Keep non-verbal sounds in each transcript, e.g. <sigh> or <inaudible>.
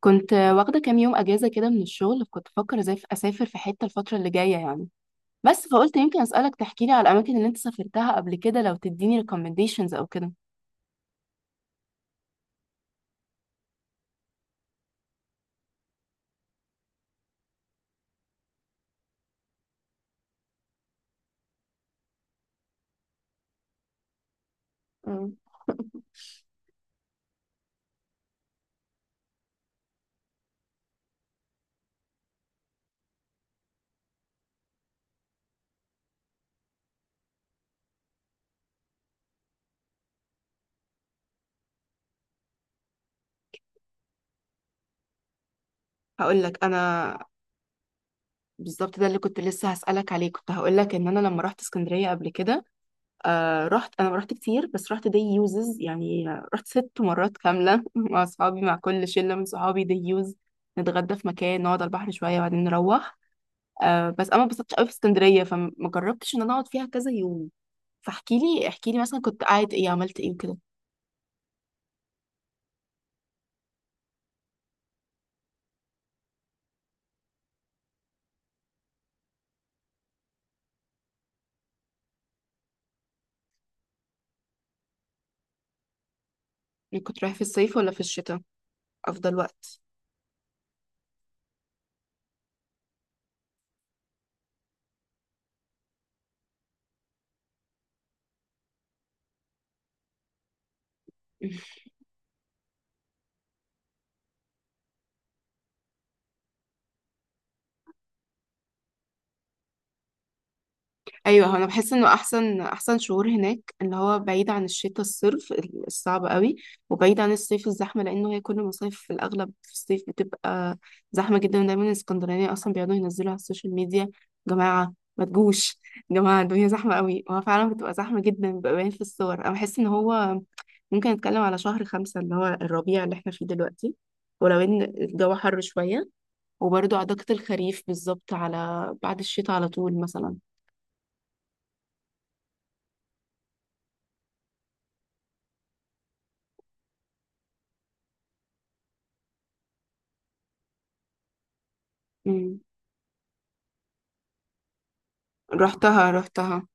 كنت واخدة كام يوم أجازة كده من الشغل، كنت بفكر ازاي أسافر في حتة الفترة اللي جاية يعني. بس فقلت يمكن أسألك تحكيلي على الأماكن اللي أنت سافرتها قبل كده، لو تديني recommendations أو كده. مم. هقول لك انا. بالظبط ده اللي كنت لسه هسألك عليه، كنت هقول لك ان انا لما رحت اسكندرية قبل كده. رحت انا، ما رحت كتير بس رحت دي يوزز يعني. رحت 6 مرات كاملة <laughs> مع اصحابي، مع كل شلة من صحابي دي يوز. نتغدى في مكان، نقعد على البحر شوية وبعدين نروح. بس انا ما اتبسطتش قوي في اسكندريه، فما جربتش ان انا اقعد فيها كذا يوم. فاحكي لي مثلا كنت قاعد ايه، عملت ايه وكده. يعني كنت رايح في الصيف ولا في الشتاء؟ افضل وقت؟ ايوه، هو انا بحس انه احسن شهور هناك اللي هو بعيد عن الشتاء الصرف الصعب قوي، وبعيد عن الصيف الزحمه، لانه هي كل مصيف في الاغلب في الصيف بتبقى زحمه جدا. دايما الاسكندرانيه اصلا بيقعدوا ينزلوا على السوشيال ميديا: جماعه ما تجوش، يا جماعه الدنيا زحمه قوي، وهو فعلا بتبقى زحمه جدا، بيبقى باين في الصور. انا بحس ان هو ممكن نتكلم على شهر خمسة اللي هو الربيع اللي احنا فيه دلوقتي، ولو ان الجو حر شويه، وبرضه عضكة الخريف بالظبط، على بعد الشتاء على طول مثلا. رحتها رحتها.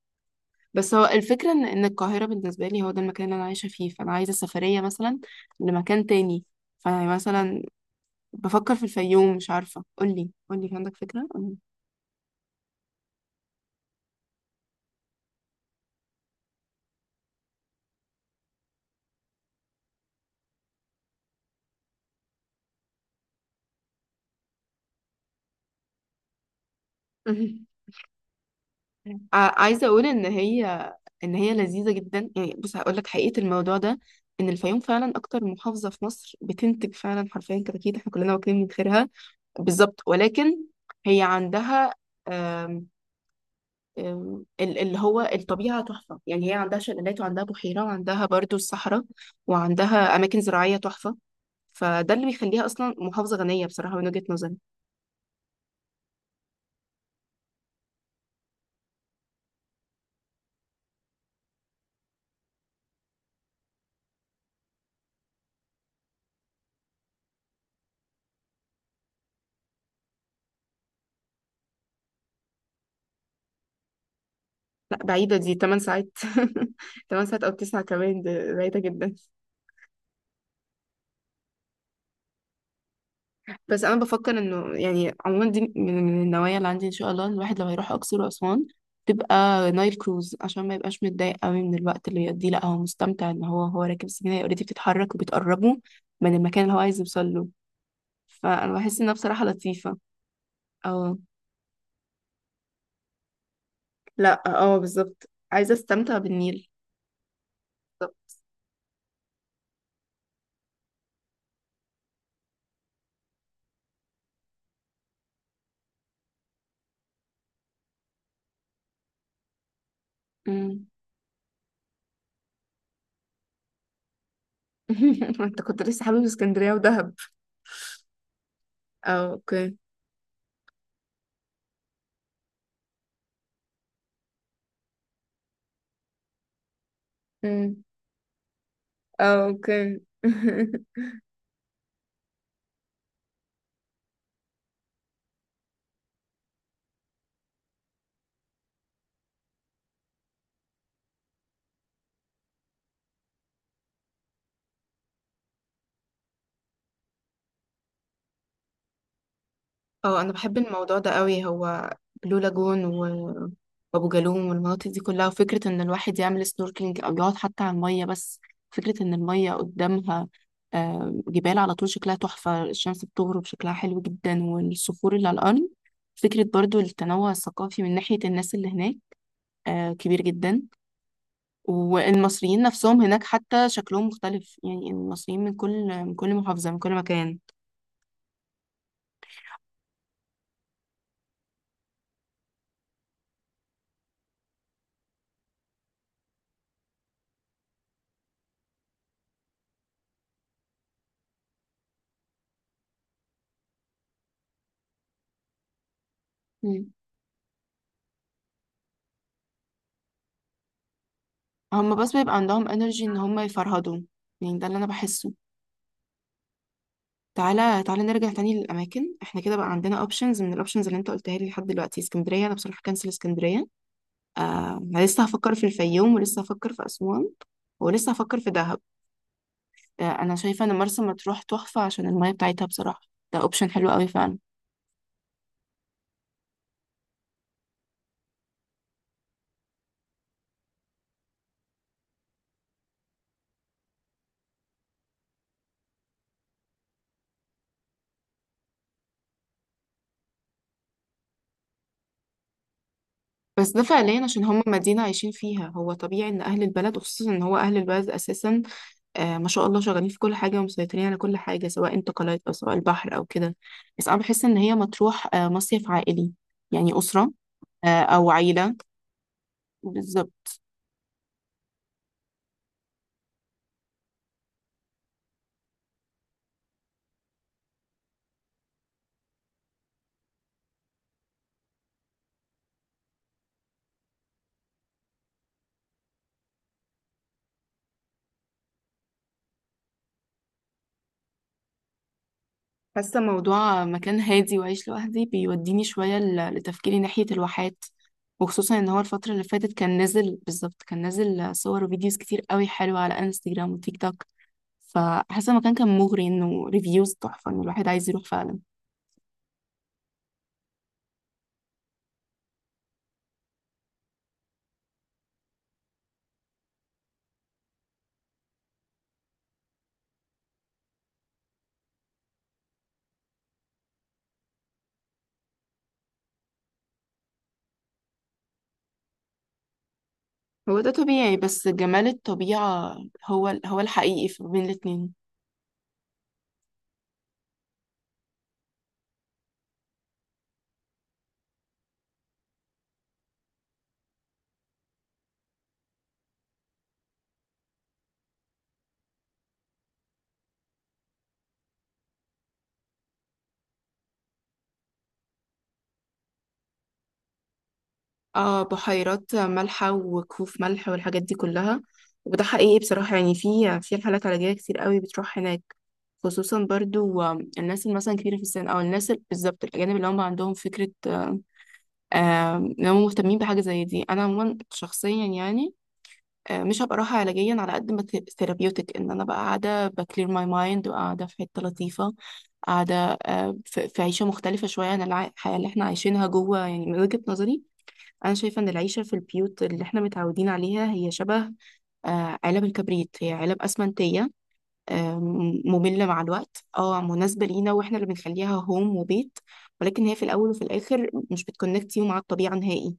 بس هو الفكرة إن القاهرة بالنسبة لي هو ده المكان اللي انا عايشة فيه، فانا عايزة سفرية مثلا لمكان تاني. فمثلا بفكر في الفيوم، مش عارفة، قولي قولي، في عندك فكرة؟ قولي. مهم. <laughs> عايزة اقول ان هي لذيذة جدا. يعني بص هقول لك حقيقة الموضوع ده. ان الفيوم فعلا اكتر محافظة في مصر بتنتج فعلا حرفيا كتاكيت، احنا كلنا واكلين من خيرها، بالظبط، ولكن هي عندها اللي هو الطبيعة تحفة. يعني هي عندها شلالات وعندها بحيرة وعندها برضو الصحراء، وعندها أماكن زراعية تحفة. فده اللي بيخليها أصلا محافظة غنية بصراحة من وجهة نظري. لا بعيدة، دي 8 ساعات <laughs> 8 ساعات أو 9 كمان، ده بعيدة جدا. بس أنا بفكر إنه يعني عموما دي من النوايا اللي عندي إن شاء الله. الواحد لما يروح أقصر وأسوان تبقى نايل كروز، عشان ما يبقاش متضايق قوي من الوقت اللي يقضيه، لا هو مستمتع ان هو راكب السفينه، هي اوريدي بتتحرك وبتقربه من المكان اللي هو عايز يوصل له. فانا بحس انها بصراحه لطيفه. اه. لا اه بالظبط، عايزه استمتع بالنيل. بالظبط. أمم. <laughs> انت كنت لسه حابب اسكندريه ودهب؟ اه اوكي. أمم. اه اوكي <laughs> اه انا بحب الموضوع ده قوي. هو بلو لاجون و- وابو جالوم والمناطق دي كلها، وفكره ان الواحد يعمل سنوركلينج او يقعد حتى على الميه بس. فكره ان الميه قدامها، جبال على طول شكلها تحفه، الشمس بتغرب شكلها حلو جدا، والصخور اللي على الارض. فكره برضو التنوع الثقافي من ناحيه الناس اللي هناك كبير جدا. والمصريين نفسهم هناك حتى شكلهم مختلف، يعني المصريين من كل محافظه، من كل مكان. هم بس بيبقى عندهم انرجي ان هم يفرهدوا، يعني ده اللي انا بحسه. تعالى تعالى نرجع تاني للاماكن. احنا كده بقى عندنا اوبشنز، من الاوبشنز اللي انت قلتها لي لحد دلوقتي اسكندريه، انا بصراحه كنسل اسكندريه آه أنا لسه هفكر في الفيوم، ولسه هفكر في اسوان، ولسه هفكر في دهب. انا شايفه ان مرسى مطروح تحفه عشان الميه بتاعتها بصراحه. ده اوبشن حلو قوي فعلا. بس ده فعليا عشان هم مدينه عايشين فيها، هو طبيعي ان اهل البلد، وخصوصا ان هو اهل البلد اساسا ما شاء الله، شغالين في كل حاجة ومسيطرين على كل حاجة، سواء انتقالات أو سواء البحر أو كده. بس أنا بحس إن هي مطروح مصيف عائلي، يعني أسرة أو عيلة. بالظبط. حاسة موضوع مكان هادي وعيش لوحدي بيوديني شوية لتفكيري ناحية الواحات، وخصوصا إن هو الفترة اللي فاتت كان نازل بالظبط، كان نازل صور وفيديوز كتير قوي حلوة على انستجرام وتيك توك. فحاسة المكان كان مغري، إنه ريفيوز تحفة، إن الواحد عايز يروح فعلا. هو ده طبيعي بس جمال الطبيعة هو هو الحقيقي بين الاتنين. اه، بحيرات مالحة وكهوف ملح والحاجات دي كلها. وده حقيقي بصراحة، يعني في رحلات علاجية كتير قوي بتروح هناك، خصوصا برضو الناس اللي مثلا كبيرة في السن، أو الناس بالظبط الأجانب اللي هم عندهم فكرة إن هم مهتمين بحاجة زي دي. أنا عموما شخصيا يعني مش هبقى راحة علاجيا على قد ما ثيرابيوتك، ان انا بقى قاعدة بكلير ماي مايند وقاعدة في حتة لطيفة، قاعدة في عيشة مختلفة شوية عن الحياة اللي احنا عايشينها جوه، يعني من وجهة نظري. أنا شايفة إن العيشة في البيوت اللي احنا متعودين عليها هي شبه علب الكبريت، هي علب أسمنتية مملة مع الوقت، اه مناسبة لينا واحنا اللي بنخليها هوم وبيت، ولكن هي في الأول وفي الآخر مش بتكونكت يو مع الطبيعة نهائي.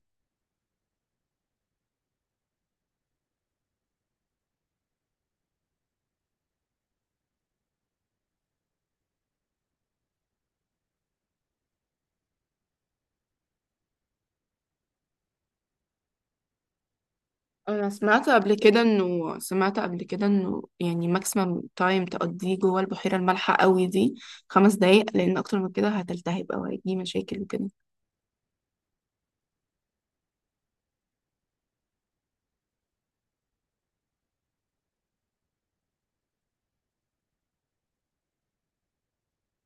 انا سمعت قبل كده انه، سمعت قبل كده انه يعني ماكسيمم تايم تقضيه جوه البحيره المالحه قوي دي 5 دقايق، لان اكتر من كده هتلتهب او هيجي مشاكل وكده.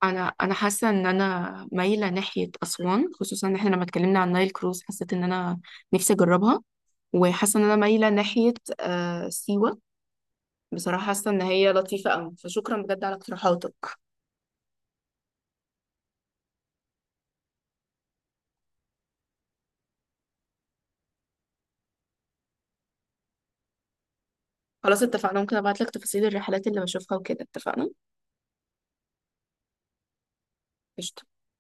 انا حاسه ان انا مايله ناحيه اسوان، خصوصا ان احنا لما اتكلمنا عن نايل كروز حسيت ان انا نفسي اجربها. وحاسه ان انا مايله ناحيه سيوه. بصراحه حاسه ان هي لطيفه قوي، فشكرا بجد على اقتراحاتك. خلاص اتفقنا، ممكن ابعت لك تفاصيل الرحلات اللي بشوفها وكده. اتفقنا. قشطة.